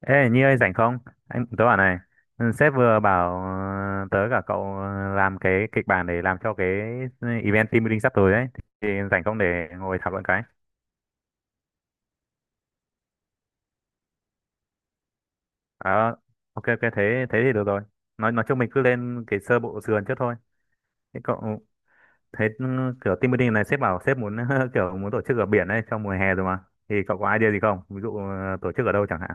Ê Nhi ơi, rảnh không? Anh tớ bảo này, ừ, sếp vừa bảo tớ cả cậu, làm cái kịch bản để làm cho cái, ừ, event team building sắp tới ấy. Thì rảnh không để ngồi thảo luận cái. Ờ, ok ok, thế thế thì được rồi. Nói chung mình cứ lên cái sơ bộ sườn trước thôi. Thế cậu thế ừ, kiểu team building này sếp bảo sếp muốn kiểu muốn tổ chức ở biển đấy trong mùa hè rồi mà. Thì cậu có idea gì không? Ví dụ tổ chức ở đâu chẳng hạn.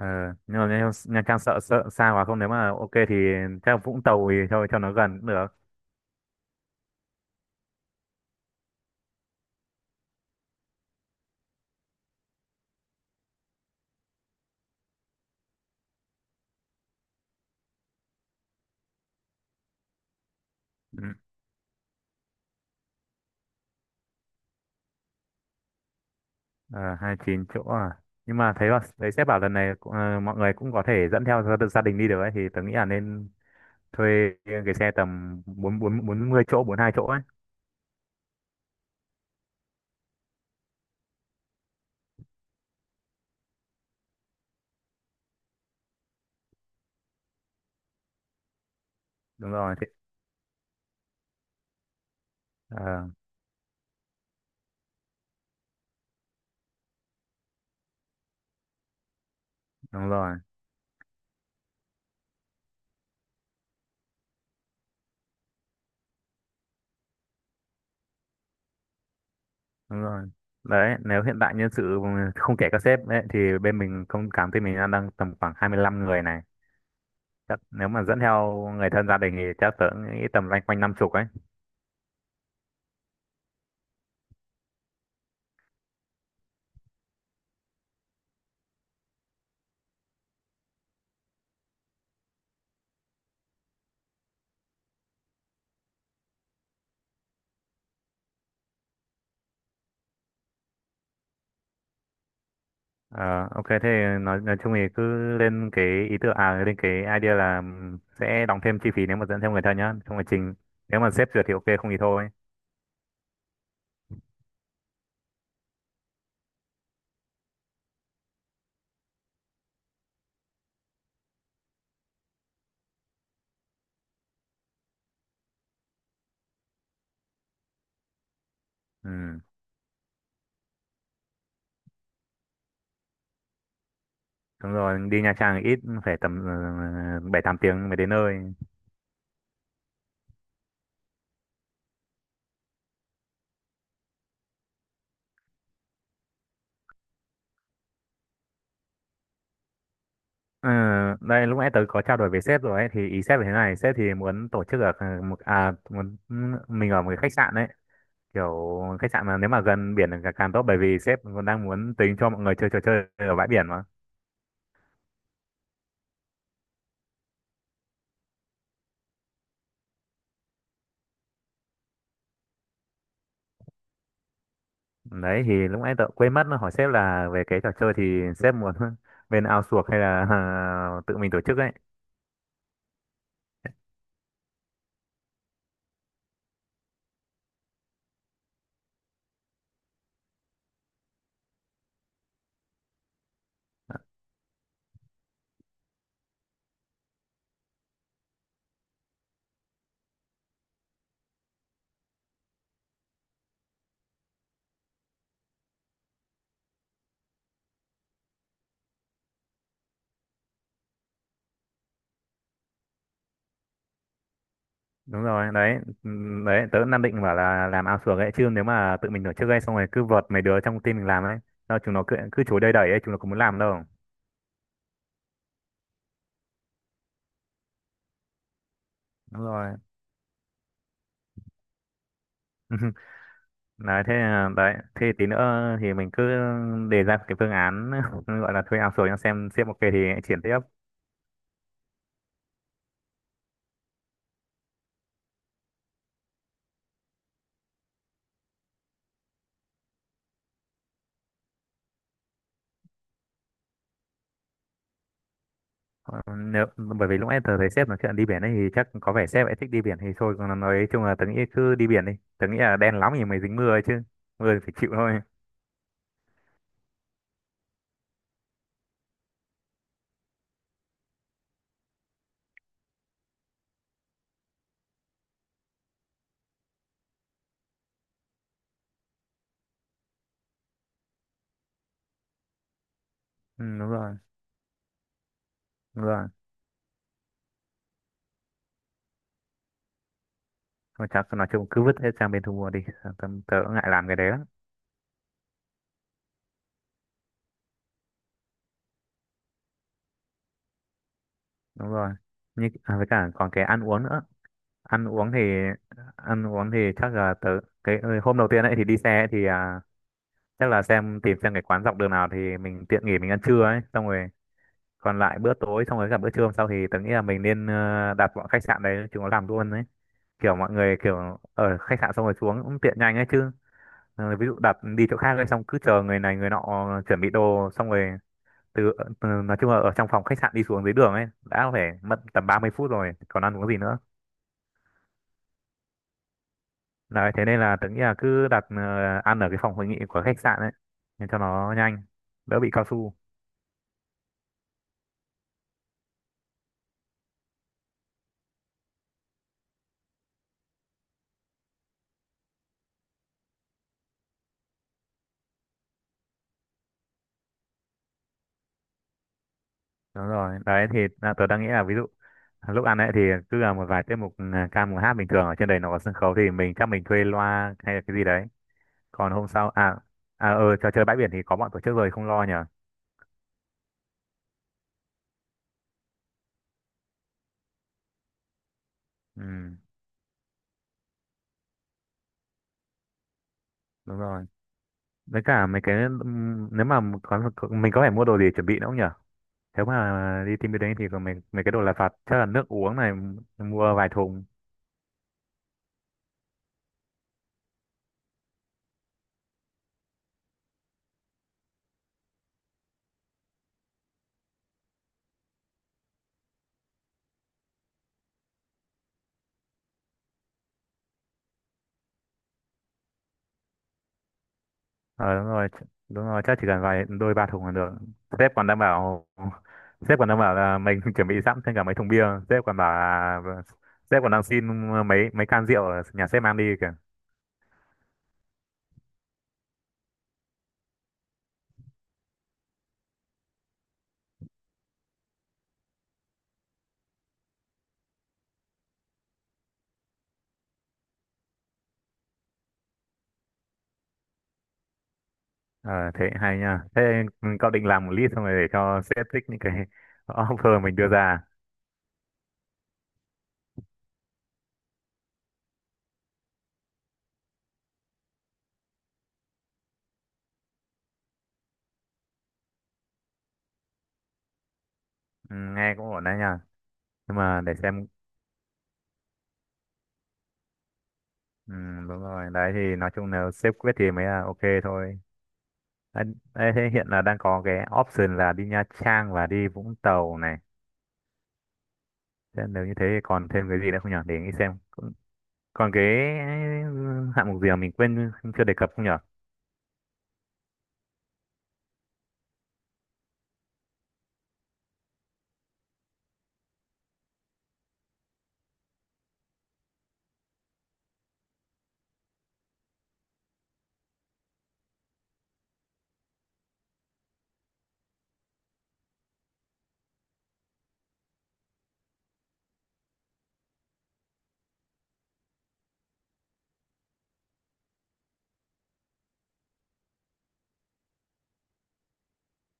Ờ, nhưng mà Nha Nha Trang sợ sợ xa quá không, nếu mà ok thì chắc Vũng Tàu thì cho nó gần cũng được. Ừ. Ờ, 29 chỗ à. Nhưng mà thấy là thấy sếp bảo lần này cũng, ờ, mọi người cũng có thể dẫn theo gia gia đình đi được ấy, thì tớ nghĩ là nên thuê cái xe tầm bốn bốn bốn mươi chỗ, 42 chỗ ấy. Đúng rồi. Thì, ờ, đúng rồi, đúng rồi. Đấy, nếu hiện tại nhân sự không kể các sếp ấy, thì bên mình không cảm thấy mình đang đang tầm khoảng 25 người này. Chắc nếu mà dẫn theo người thân gia đình thì chắc tớ nghĩ tầm loanh quanh 50 ấy. Ờ, ok, thế nói chung thì cứ lên cái ý tưởng, à, lên cái idea là, sẽ đóng thêm chi phí nếu mà dẫn thêm người thân nhá. Trong quá trình, nếu mà sếp duyệt thì ok, không thì thôi. Ừ, đúng rồi, đi Nha Trang thì ít phải tầm 7 8 tiếng mới đến nơi. Ừ, đây lúc nãy tớ có trao đổi với sếp rồi ấy, thì ý sếp là thế này: sếp thì muốn tổ chức ở, ờ, một, à, muốn mình ở một cái khách sạn đấy, kiểu khách sạn mà nếu mà gần biển là càng càng tốt, bởi vì sếp còn đang muốn tính cho mọi người chơi trò chơi ở bãi biển mà. Đấy thì lúc nãy tớ quên mất hỏi sếp là về cái trò chơi thì sếp muốn bên outsource hay là à, tự mình tổ chức ấy. Đúng rồi đấy, đấy tớ cũng đang định bảo là làm outsource ấy, chứ nếu mà tự mình tổ chức ấy xong rồi cứ vợt mấy đứa trong team mình làm ấy, sao chúng nó cứ cứ chối đầy đẩy ấy, chúng nó cũng muốn làm đâu. Đúng rồi. Đấy thế là, đấy thế tí nữa thì mình cứ đề ra cái phương án gọi là thuê outsource, cho xem sếp ok thì triển tiếp. Ờ, nếu bởi vì lúc nãy tớ thấy sếp nói chuyện đi biển ấy thì chắc có vẻ sếp ấy thích đi biển thì thôi, còn nói chung là tớ nghĩ cứ đi biển đi. Tớ nghĩ là đen lắm thì mới dính mưa ấy chứ, mưa thì phải chịu thôi. Ừ, đúng rồi, đúng rồi. Thôi chắc nói chung cứ vứt hết sang bên thu mua đi, tớ ngại làm cái đấy lắm. Đúng rồi, như à, với cả còn cái ăn uống nữa. Ăn uống thì ăn uống thì chắc là tớ, cái, ừ, hôm đầu tiên ấy thì đi xe ấy thì, à, chắc là xem tìm xem cái quán dọc đường nào thì mình tiện nghỉ mình ăn trưa ấy, xong rồi còn lại bữa tối xong rồi cả bữa trưa hôm sau thì tớ nghĩ là mình nên, đặt bọn khách sạn đấy chúng nó làm luôn đấy, kiểu mọi người kiểu ở khách sạn xong rồi xuống cũng tiện nhanh ấy chứ. Ờ, ví dụ đặt đi chỗ khác lên xong cứ chờ người này người nọ chuẩn bị đồ xong rồi từ, từ nói chung là ở trong phòng khách sạn đi xuống dưới đường ấy đã phải mất tầm 30 phút rồi còn ăn uống gì nữa. Đấy thế nên là tớ nghĩ là cứ đặt, ăn ở cái phòng hội nghị của khách sạn ấy, để cho nó nhanh, đỡ bị cao su. Đúng rồi, đấy thì là tớ đang nghĩ là ví dụ, à, lúc ăn ấy thì cứ là một vài tiết mục, ừ, ca mùa hát bình thường. Ở trên đấy nó có sân khấu thì mình chắc mình thuê loa hay là cái gì đấy. Còn hôm sau à, à ờ, trò chơi bãi biển thì có bọn tổ chức rồi, không lo nhở. Ừ, đúng rồi, với cả mấy cái, nếu mà có, mình có phải mua đồ gì chuẩn bị nữa không nhở? Nếu mà đi team building thì còn mấy mấy cái đồ lặt vặt, chắc là nước uống này, mua vài thùng. Ờ đúng rồi, đúng rồi chắc chỉ cần vài đôi ba thùng là được. Sếp còn đang bảo sếp còn đang bảo là mình chuẩn bị sẵn thêm cả mấy thùng bia. Sếp còn bảo là sếp còn đang xin mấy mấy can rượu ở nhà sếp mang đi kìa. Ờ thế hay nha, thế cậu định làm một list xong rồi để cho sếp thích những cái offer mình đưa ra. Ừ, nghe cũng ổn đấy nha, nhưng mà để xem. Ừ, đúng rồi, đấy thì nói chung là sếp quyết thì mới là ok thôi. Đấy, thế hiện là đang có cái option là đi Nha Trang và đi Vũng Tàu này. Thế nếu như thế thì còn thêm cái gì nữa không nhở, để nghĩ xem. Cũng, còn cái, ừ, hạng mục gì mà mình quên chưa đề cập không nhở.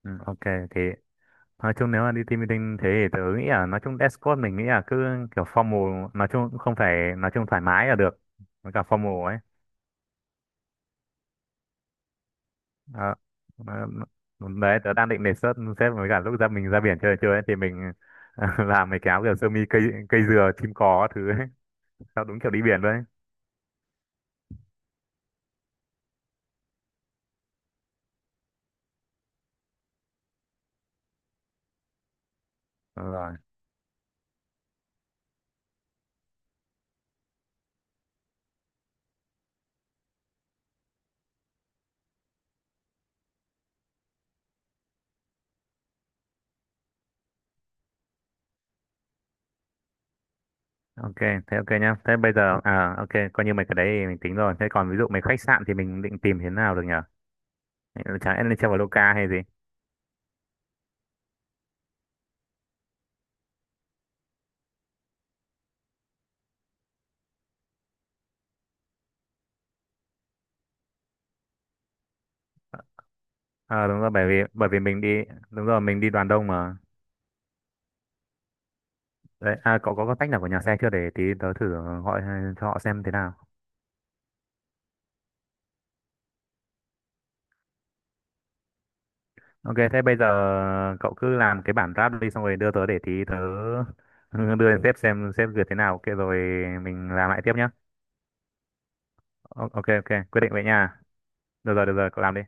Ừ, ok, thì nói chung nếu mà đi team building thế thì tớ nghĩ là nói chung Discord mình nghĩ là cứ kiểu formal, nói chung cũng không phải, nói chung thoải mái là được, với cả formal ấy. Đó. Ờ, đấy tớ đang định đề xuất xếp với cả lúc ra mình ra biển chơi chơi ấy, thì mình làm mấy cái áo kiểu sơ mi cây, dừa chim cò các thứ ấy, sao đúng kiểu đi biển luôn ấy. Ờ, ok, thế ok nhá. Thế bây giờ à ok, coi như mấy cái đấy thì mình tính rồi. Thế còn ví dụ mấy khách sạn thì mình định tìm thế nào được nhở? Chẳng lẽ lên treo vào Loca hay gì? Ờ đúng rồi, bởi vì mình đi, đúng rồi, mình đi đoàn đông mà. Đấy, à, có tách nào của nhà xe chưa để tí tớ thử gọi cho họ xem thế nào. Ok, thế bây giờ cậu cứ làm cái bản draft đi xong rồi đưa tớ để tí tớ đưa lên sếp xem sếp duyệt thế nào. Ok rồi mình làm lại tiếp nhá. Ok ok, quyết định vậy nha. Được rồi, cậu làm đi.